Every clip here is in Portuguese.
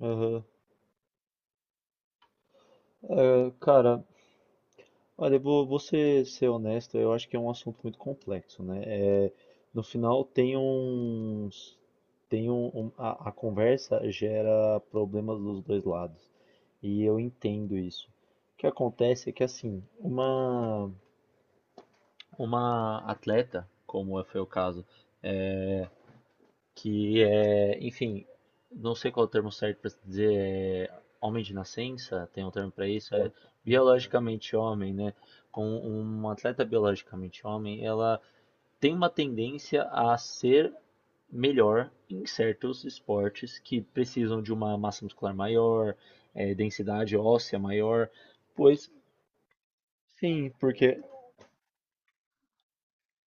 Aham. Cara, olha, eu vou ser honesto, eu acho que é um assunto muito complexo, né? É, no final tem uns, tem um, um- a conversa gera problemas dos dois lados, e eu entendo isso. O que acontece é que assim, uma atleta, como é, foi o caso, que é, enfim, não sei qual é o termo certo para dizer, é homem de nascença, tem um termo para isso, biologicamente homem, né? Com uma atleta biologicamente homem, ela tem uma tendência a ser melhor em certos esportes que precisam de uma massa muscular maior, densidade óssea maior, pois. Sim, porque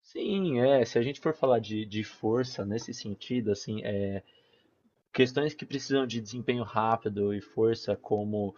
sim, é, se a gente for falar de força nesse sentido, assim, é questões que precisam de desempenho rápido e força, como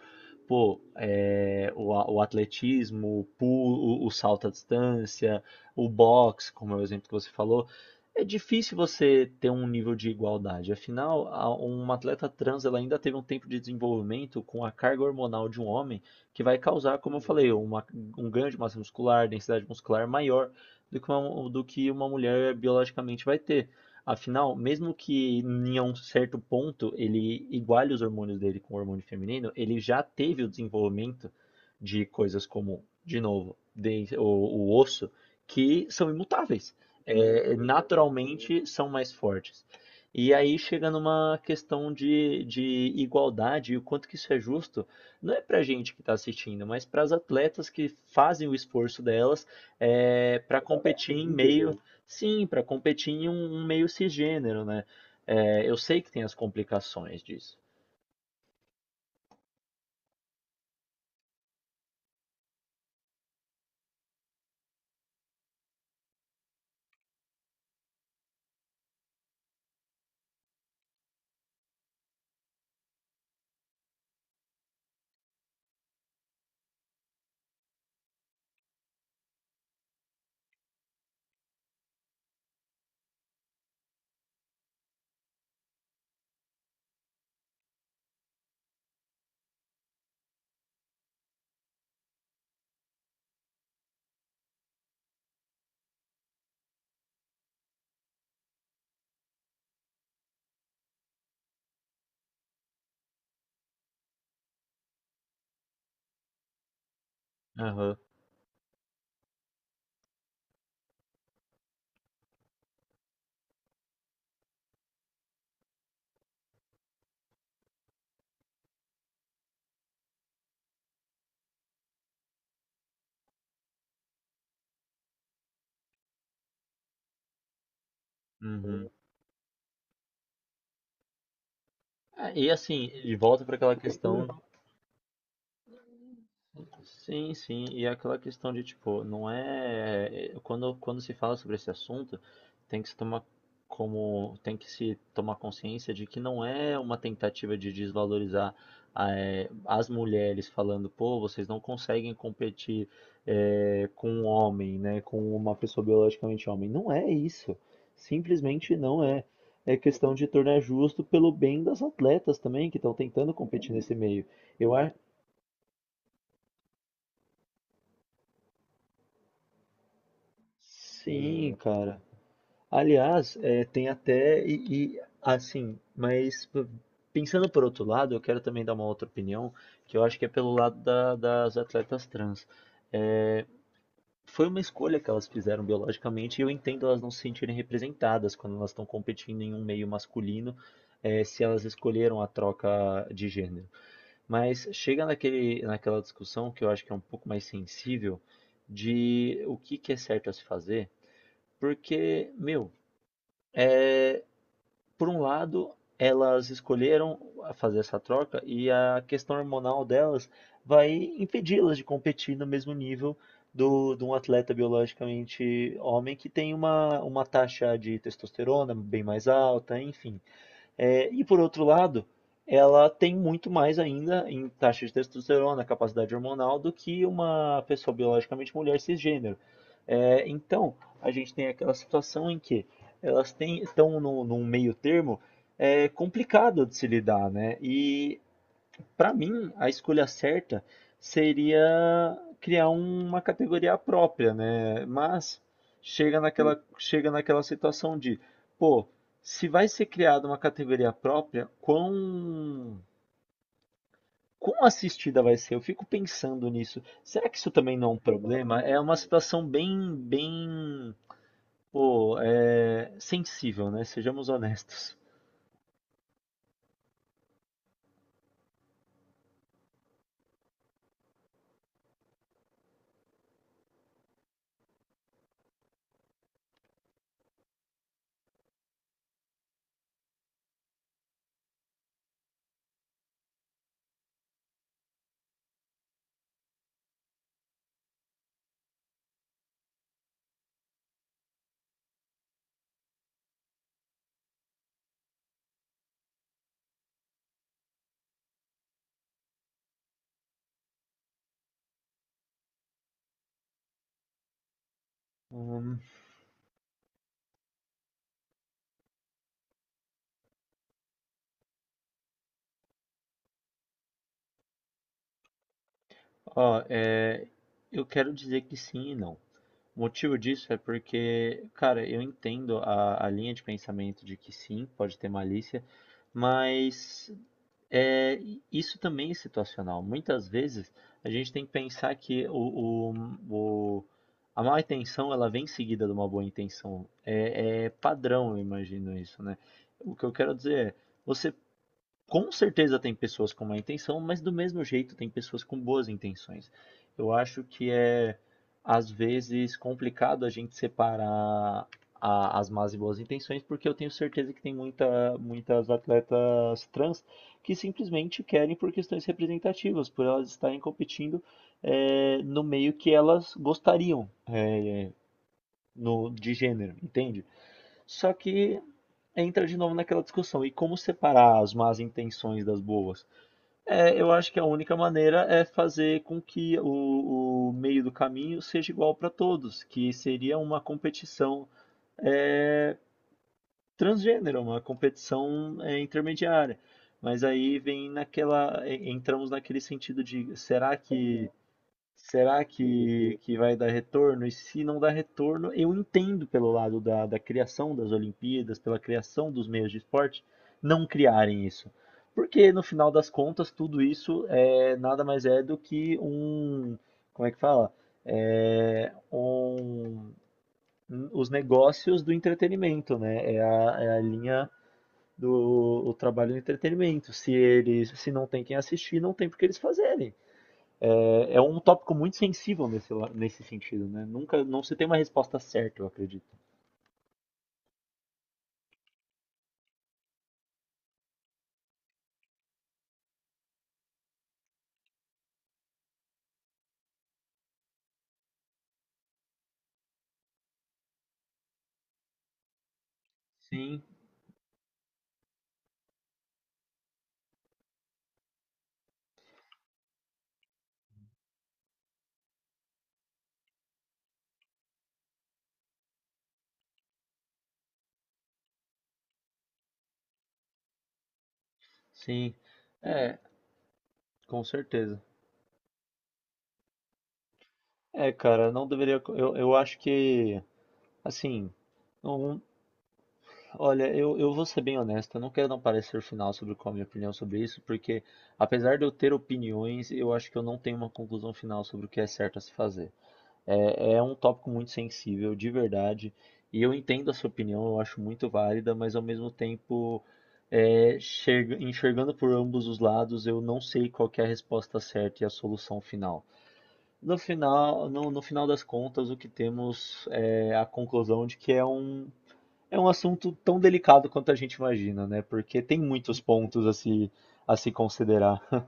pô, o atletismo, o pulo, o salto à distância, o boxe, como é o exemplo que você falou, é difícil você ter um nível de igualdade. Afinal, uma atleta trans ela ainda teve um tempo de desenvolvimento com a carga hormonal de um homem que vai causar, como eu falei, um ganho de massa muscular, densidade muscular maior do que uma mulher biologicamente vai ter. Afinal, mesmo que em um certo ponto ele iguale os hormônios dele com o hormônio feminino, ele já teve o desenvolvimento de coisas como, de novo, o osso, que são imutáveis. É, naturalmente são mais fortes. E aí chega numa questão de igualdade e o quanto que isso é justo, não é para a gente que está assistindo, mas para as atletas que fazem o esforço delas, é, para competir em meio. Sim, para competir em um meio cisgênero, né. Eu sei que tem as complicações disso. Aham, uhum. É, e assim, de volta para aquela questão. Sim, sim, e é aquela questão de tipo, não é. Quando, quando se fala sobre esse assunto, tem que se tomar como. Tem que se tomar consciência de que não é uma tentativa de desvalorizar, as mulheres falando, pô, vocês não conseguem competir, com um homem, né? Com uma pessoa biologicamente homem. Não é isso. Simplesmente não é. É questão de tornar justo pelo bem das atletas também, que estão tentando competir nesse meio. Eu acho. Sim, cara. Aliás, é, tem até e, assim, mas p- pensando por outro lado, eu quero também dar uma outra opinião, que eu acho que é pelo lado das atletas trans. É, foi uma escolha que elas fizeram biologicamente e eu entendo elas não se sentirem representadas quando elas estão competindo em um meio masculino, é, se elas escolheram a troca de gênero. Mas chega naquela discussão que eu acho que é um pouco mais sensível de o que que é certo a se fazer, porque, meu, por um lado, elas escolheram fazer essa troca e a questão hormonal delas vai impedi-las de competir no mesmo nível de um atleta biologicamente homem que tem uma taxa de testosterona bem mais alta, enfim. É, e por outro lado, ela tem muito mais ainda em taxa de testosterona, capacidade hormonal, do que uma pessoa biologicamente mulher cisgênero. É, então, a gente tem aquela situação em que elas têm, estão num meio termo, é, complicado de se lidar, né? E para mim, a escolha certa seria criar uma categoria própria, né? Mas chega naquela situação de, pô, se vai ser criada uma categoria própria, quão assistida vai ser? Eu fico pensando nisso. Será que isso também não é um problema? É uma situação bem, pô, sensível, né? Sejamos honestos. Hum, ó, é, eu quero dizer que sim e não. O motivo disso é porque, cara, eu entendo a linha de pensamento de que sim, pode ter malícia, mas é, isso também é situacional. Muitas vezes a gente tem que pensar que o- a má intenção ela vem seguida de uma boa intenção. É, é padrão, eu imagino isso, né? O que eu quero dizer é, você com certeza tem pessoas com má intenção, mas do mesmo jeito tem pessoas com boas intenções. Eu acho que é, às vezes, complicado a gente separar as más e boas intenções, porque eu tenho certeza que tem muitas atletas trans que simplesmente querem por questões representativas, por elas estarem competindo, no meio que elas gostariam, no, de gênero, entende? Só que entra de novo naquela discussão, e como separar as más intenções das boas? É, eu acho que a única maneira é fazer com que o meio do caminho seja igual para todos, que seria uma competição, é, transgênero, uma competição, intermediária. Mas aí vem naquela, entramos naquele sentido de será que. Será que vai dar retorno? E se não dar retorno, eu entendo pelo lado da criação das Olimpíadas, pela criação dos meios de esporte, não criarem isso. Porque no final das contas, tudo isso é nada mais é do que um. Como é que fala? É, um, os negócios do entretenimento, né? É é a linha do o trabalho do entretenimento. Se eles, se não tem quem assistir, não tem por que eles fazerem. É, é um tópico muito sensível nesse, nesse sentido, né? Nunca, não se tem uma resposta certa, eu acredito. Sim, sim. É, com certeza. É, cara, não deveria. Eu acho que, assim, não- olha, eu vou ser bem honesto, eu não quero dar um parecer final sobre qual é a minha opinião sobre isso, porque apesar de eu ter opiniões, eu acho que eu não tenho uma conclusão final sobre o que é certo a se fazer. É, é um tópico muito sensível, de verdade. E eu entendo a sua opinião, eu acho muito válida, mas ao mesmo tempo, é, enxergando por ambos os lados, eu não sei qual que é a resposta certa e a solução final. No final, no final das contas, o que temos é a conclusão de que é um assunto tão delicado quanto a gente imagina, né? Porque tem muitos pontos a se considerar.